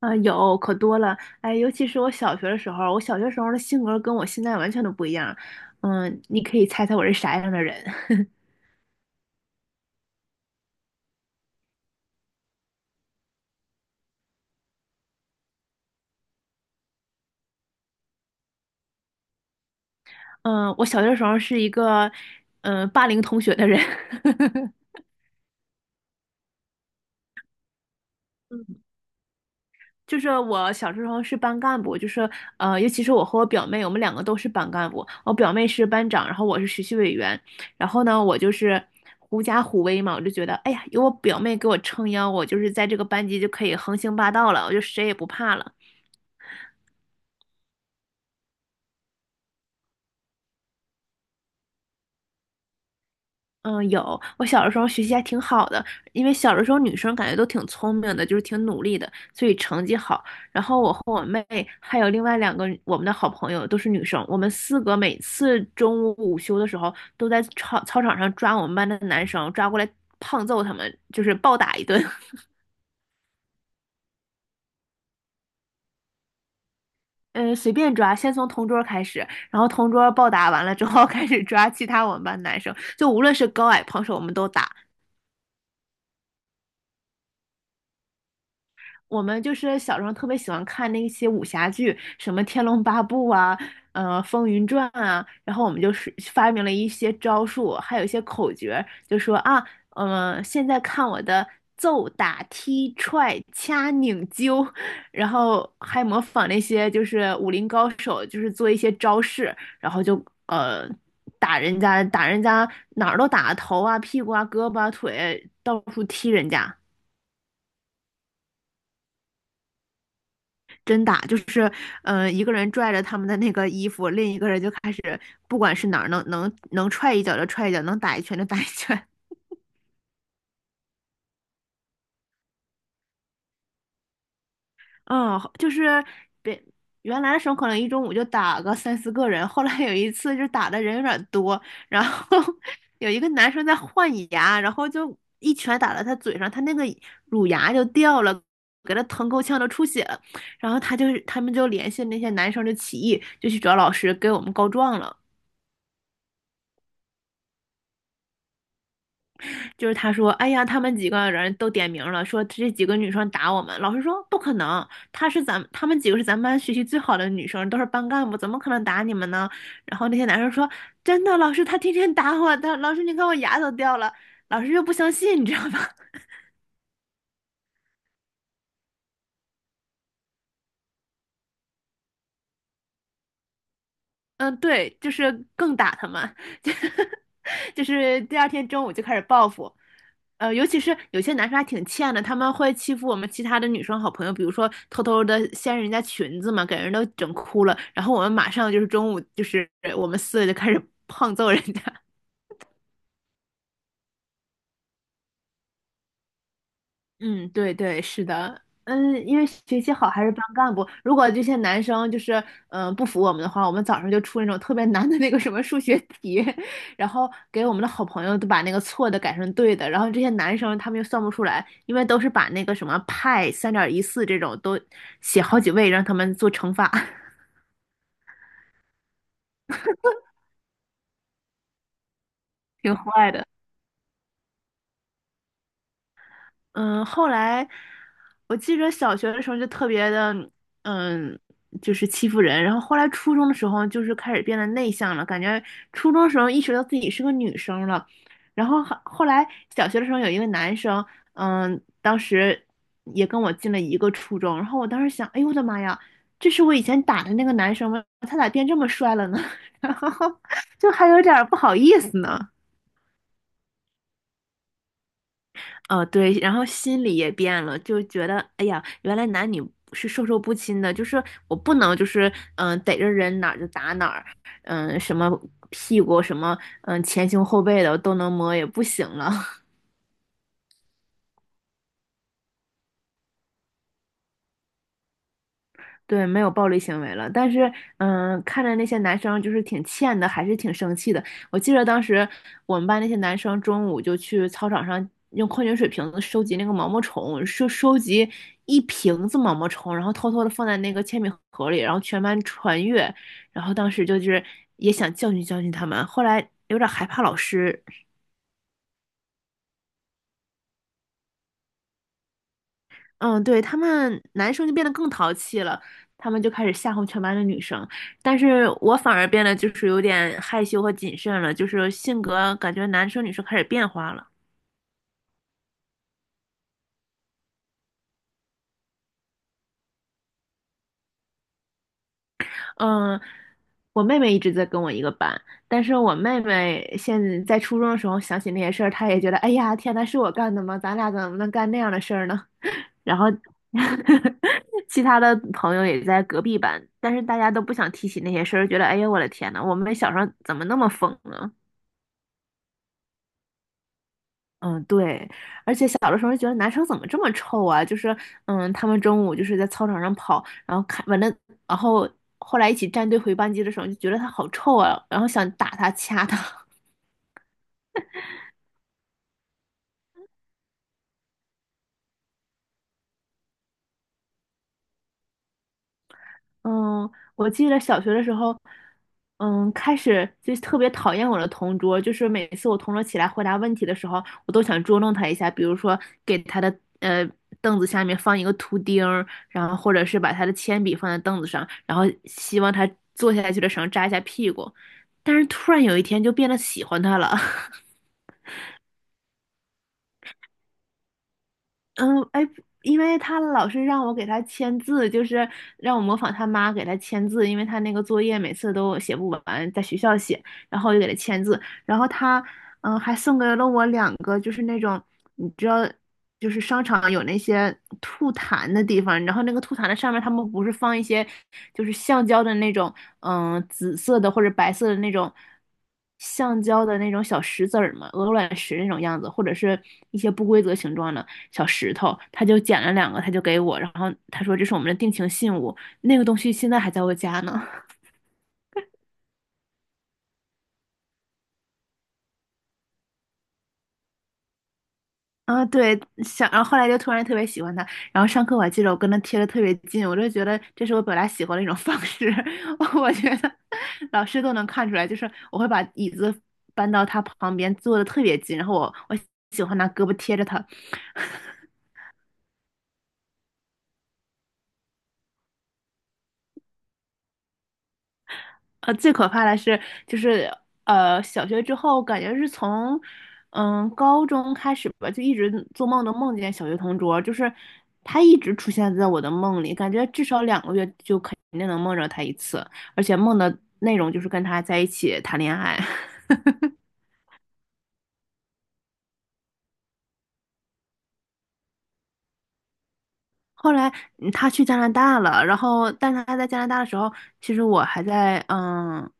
啊，有可多了，哎，尤其是我小学的时候，我小学时候的性格跟我现在完全都不一样。嗯，你可以猜猜我是啥样的人？嗯，我小学的时候是一个，霸凌同学的人。嗯，就是我小时候是班干部，就是尤其是我和我表妹，我们两个都是班干部。我表妹是班长，然后我是学习委员。然后呢，我就是狐假虎威嘛，我就觉得，哎呀，有我表妹给我撑腰，我就是在这个班级就可以横行霸道了，我就谁也不怕了。嗯，有，我小的时候学习还挺好的，因为小的时候女生感觉都挺聪明的，就是挺努力的，所以成绩好。然后我和我妹还有另外两个我们的好朋友都是女生，我们四个每次中午午休的时候都在操场上抓我们班的男生，抓过来胖揍他们，就是暴打一顿。嗯，随便抓，先从同桌开始，然后同桌暴打完了之后 开始抓其他我们班男生，就无论是高矮胖瘦，我们都打。我们就是小时候特别喜欢看那些武侠剧，什么《天龙八部》啊，《风云传》啊，然后我们就是发明了一些招数，还有一些口诀，就说啊，现在看我的揍、打、踢、踹、掐、拧、揪，然后还模仿那些就是武林高手，就是做一些招式，然后就呃打人家，哪儿都打，头啊、屁股啊、胳膊啊、腿，到处踢人家。真打，就是，一个人拽着他们的那个衣服，另一个人就开始，不管是哪儿能踹一脚就踹一脚，能打一拳就打一拳。嗯，就是别原来的时候可能一中午就打个三四个人，后来有一次就打的人有点多，然后 有一个男生在换牙，然后就一拳打到他嘴上，他那个乳牙就掉了，给他疼够呛，都出血了。然后他就是他们就联系那些男生就起义，就去找老师给我们告状了。就是他说，哎呀，他们几个人都点名了，说这几个女生打我们。老师说不可能，她是咱们，她们几个是咱们班学习最好的女生，都是班干部，怎么可能打你们呢？然后那些男生说，真的，老师，她天天打我的，老师，你看我牙都掉了。老师又不相信，你知道吗？嗯，对，就是更打他们，就是第二天中午就开始报复。呃，尤其是有些男生还挺欠的，他们会欺负我们其他的女生好朋友，比如说偷偷的掀人家裙子嘛，给人都整哭了，然后我们马上就是中午就是我们四个就开始 胖揍人家，嗯，对对，是的，嗯，因为学习好还是班干部。如果这些男生就是不服我们的话，我们早上就出那种特别难的那个什么数学题，然后给我们的好朋友都把那个错的改成对的，然后这些男生他们又算不出来，因为都是把那个什么派3.14这种都写好几位，让他们做乘法，挺坏的。嗯，后来我记着小学的时候就特别的，嗯，就是欺负人。然后后来初中的时候，就是开始变得内向了，感觉初中的时候意识到自己是个女生了。然后后来小学的时候有一个男生，嗯，当时也跟我进了一个初中。然后我当时想，哎呦我的妈呀，这是我以前打的那个男生吗？他咋变这么帅了呢？然后就还有点儿不好意思呢。哦，对，然后心里也变了，就觉得，哎呀，原来男女是授受不亲的，就是我不能就是逮着人哪儿就打哪儿，什么屁股什么前胸后背的都能摸，也不行了。对，没有暴力行为了，但是，看着那些男生就是挺欠的，还是挺生气的。我记得当时我们班那些男生中午就去操场上用矿泉水瓶子收集那个毛毛虫，收集一瓶子毛毛虫，然后偷偷的放在那个铅笔盒里，然后全班传阅。然后当时就是也想教训教训他们，后来有点害怕老师，嗯，对，他们男生就变得更淘气了，他们就开始吓唬全班的女生，但是我反而变得就是有点害羞和谨慎了，就是性格感觉男生女生开始变化了。嗯，我妹妹一直在跟我一个班，但是我妹妹现在在初中的时候想起那些事儿，她也觉得，哎呀，天呐，是我干的吗？咱俩怎么能干那样的事儿呢？然后 其他的朋友也在隔壁班，但是大家都不想提起那些事儿，觉得，哎呀，我的天呐，我们小时候怎么那么疯呢？嗯，对，而且小的时候觉得男生怎么这么臭啊？就是，他们中午就是在操场上跑，然后看完了，然后后来一起站队回班级的时候，就觉得他好臭啊，然后想打他、掐他。嗯，我记得小学的时候，开始就特别讨厌我的同桌，就是每次我同桌起来回答问题的时候，我都想捉弄他一下，比如说给他的呃凳子下面放一个图钉儿然后或者是把他的铅笔放在凳子上，然后希望他坐下去的时候扎一下屁股。但是突然有一天就变得喜欢他了，嗯，哎，因为他老是让我给他签字，就是让我模仿他妈给他签字，因为他那个作业每次都写不完，在学校写，然后我就给他签字，然后他，还送给了我两个，就是那种你知道，就是商场有那些吐痰的地方，然后那个吐痰的上面他们不是放一些就是橡胶的那种，紫色的或者白色的那种橡胶的那种小石子儿嘛，鹅卵石那种样子，或者是一些不规则形状的。小石头，他就捡了两个，他就给我，然后他说这是我们的定情信物，那个东西现在还在我家呢。啊，对，想，然后后来就突然特别喜欢它，然后上课我还记得我跟他贴的特别近，我就觉得这是我表达喜欢的一种方式，我觉得老师都能看出来，就是我会把椅子搬到他旁边坐的特别近，然后我喜欢拿胳膊贴着他，最可怕的是，就是小学之后，感觉是从高中开始吧，就一直做梦都梦见小学同桌，就是他一直出现在我的梦里，感觉至少2个月就肯定能梦着他一次，而且梦的内容就是跟他在一起谈恋爱。后来他去加拿大了，然后但是他在加拿大的时候，其实我还在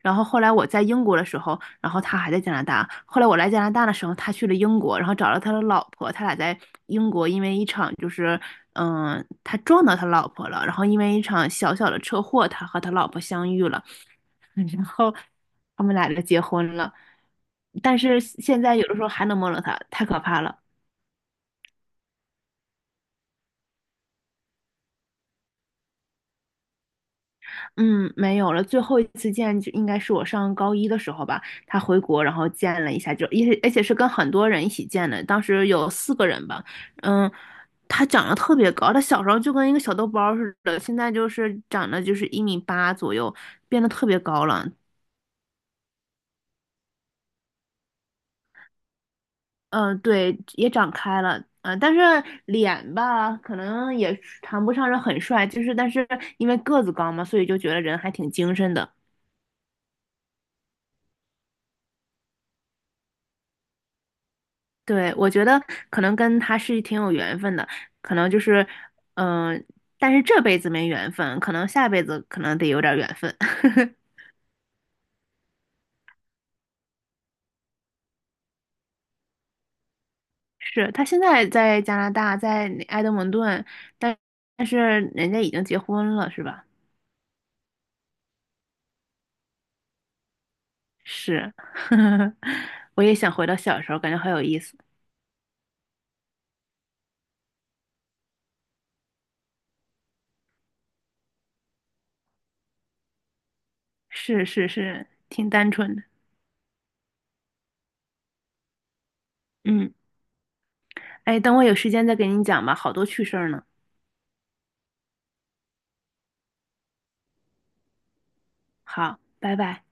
然后后来我在英国的时候，然后他还在加拿大。后来我来加拿大的时候，他去了英国，然后找了他的老婆。他俩在英国因为一场就是，他撞到他老婆了，然后因为一场小小的车祸，他和他老婆相遇了，然后他们俩就结婚了。但是现在有的时候还能梦到他，太可怕了。嗯，没有了。最后一次见就应该是我上高一的时候吧，他回国然后见了一下，就而且是跟很多人一起见的，当时有四个人吧。嗯，他长得特别高，他小时候就跟一个小豆包儿似的，现在就是长得就是1.8米左右，变得特别高了。嗯，对，也长开了。嗯，但是脸吧，可能也谈不上是很帅，就是但是因为个子高嘛，所以就觉得人还挺精神的。对，我觉得可能跟他是挺有缘分的，可能就是，嗯、但是这辈子没缘分，可能下辈子可能得有点儿缘分。是他现在在加拿大，在那埃德蒙顿，但但是人家已经结婚了，是吧？是，我也想回到小时候，感觉好有意思。是是是，挺单纯的。嗯，哎，等我有时间再给你讲吧，好多趣事儿呢。好，拜拜。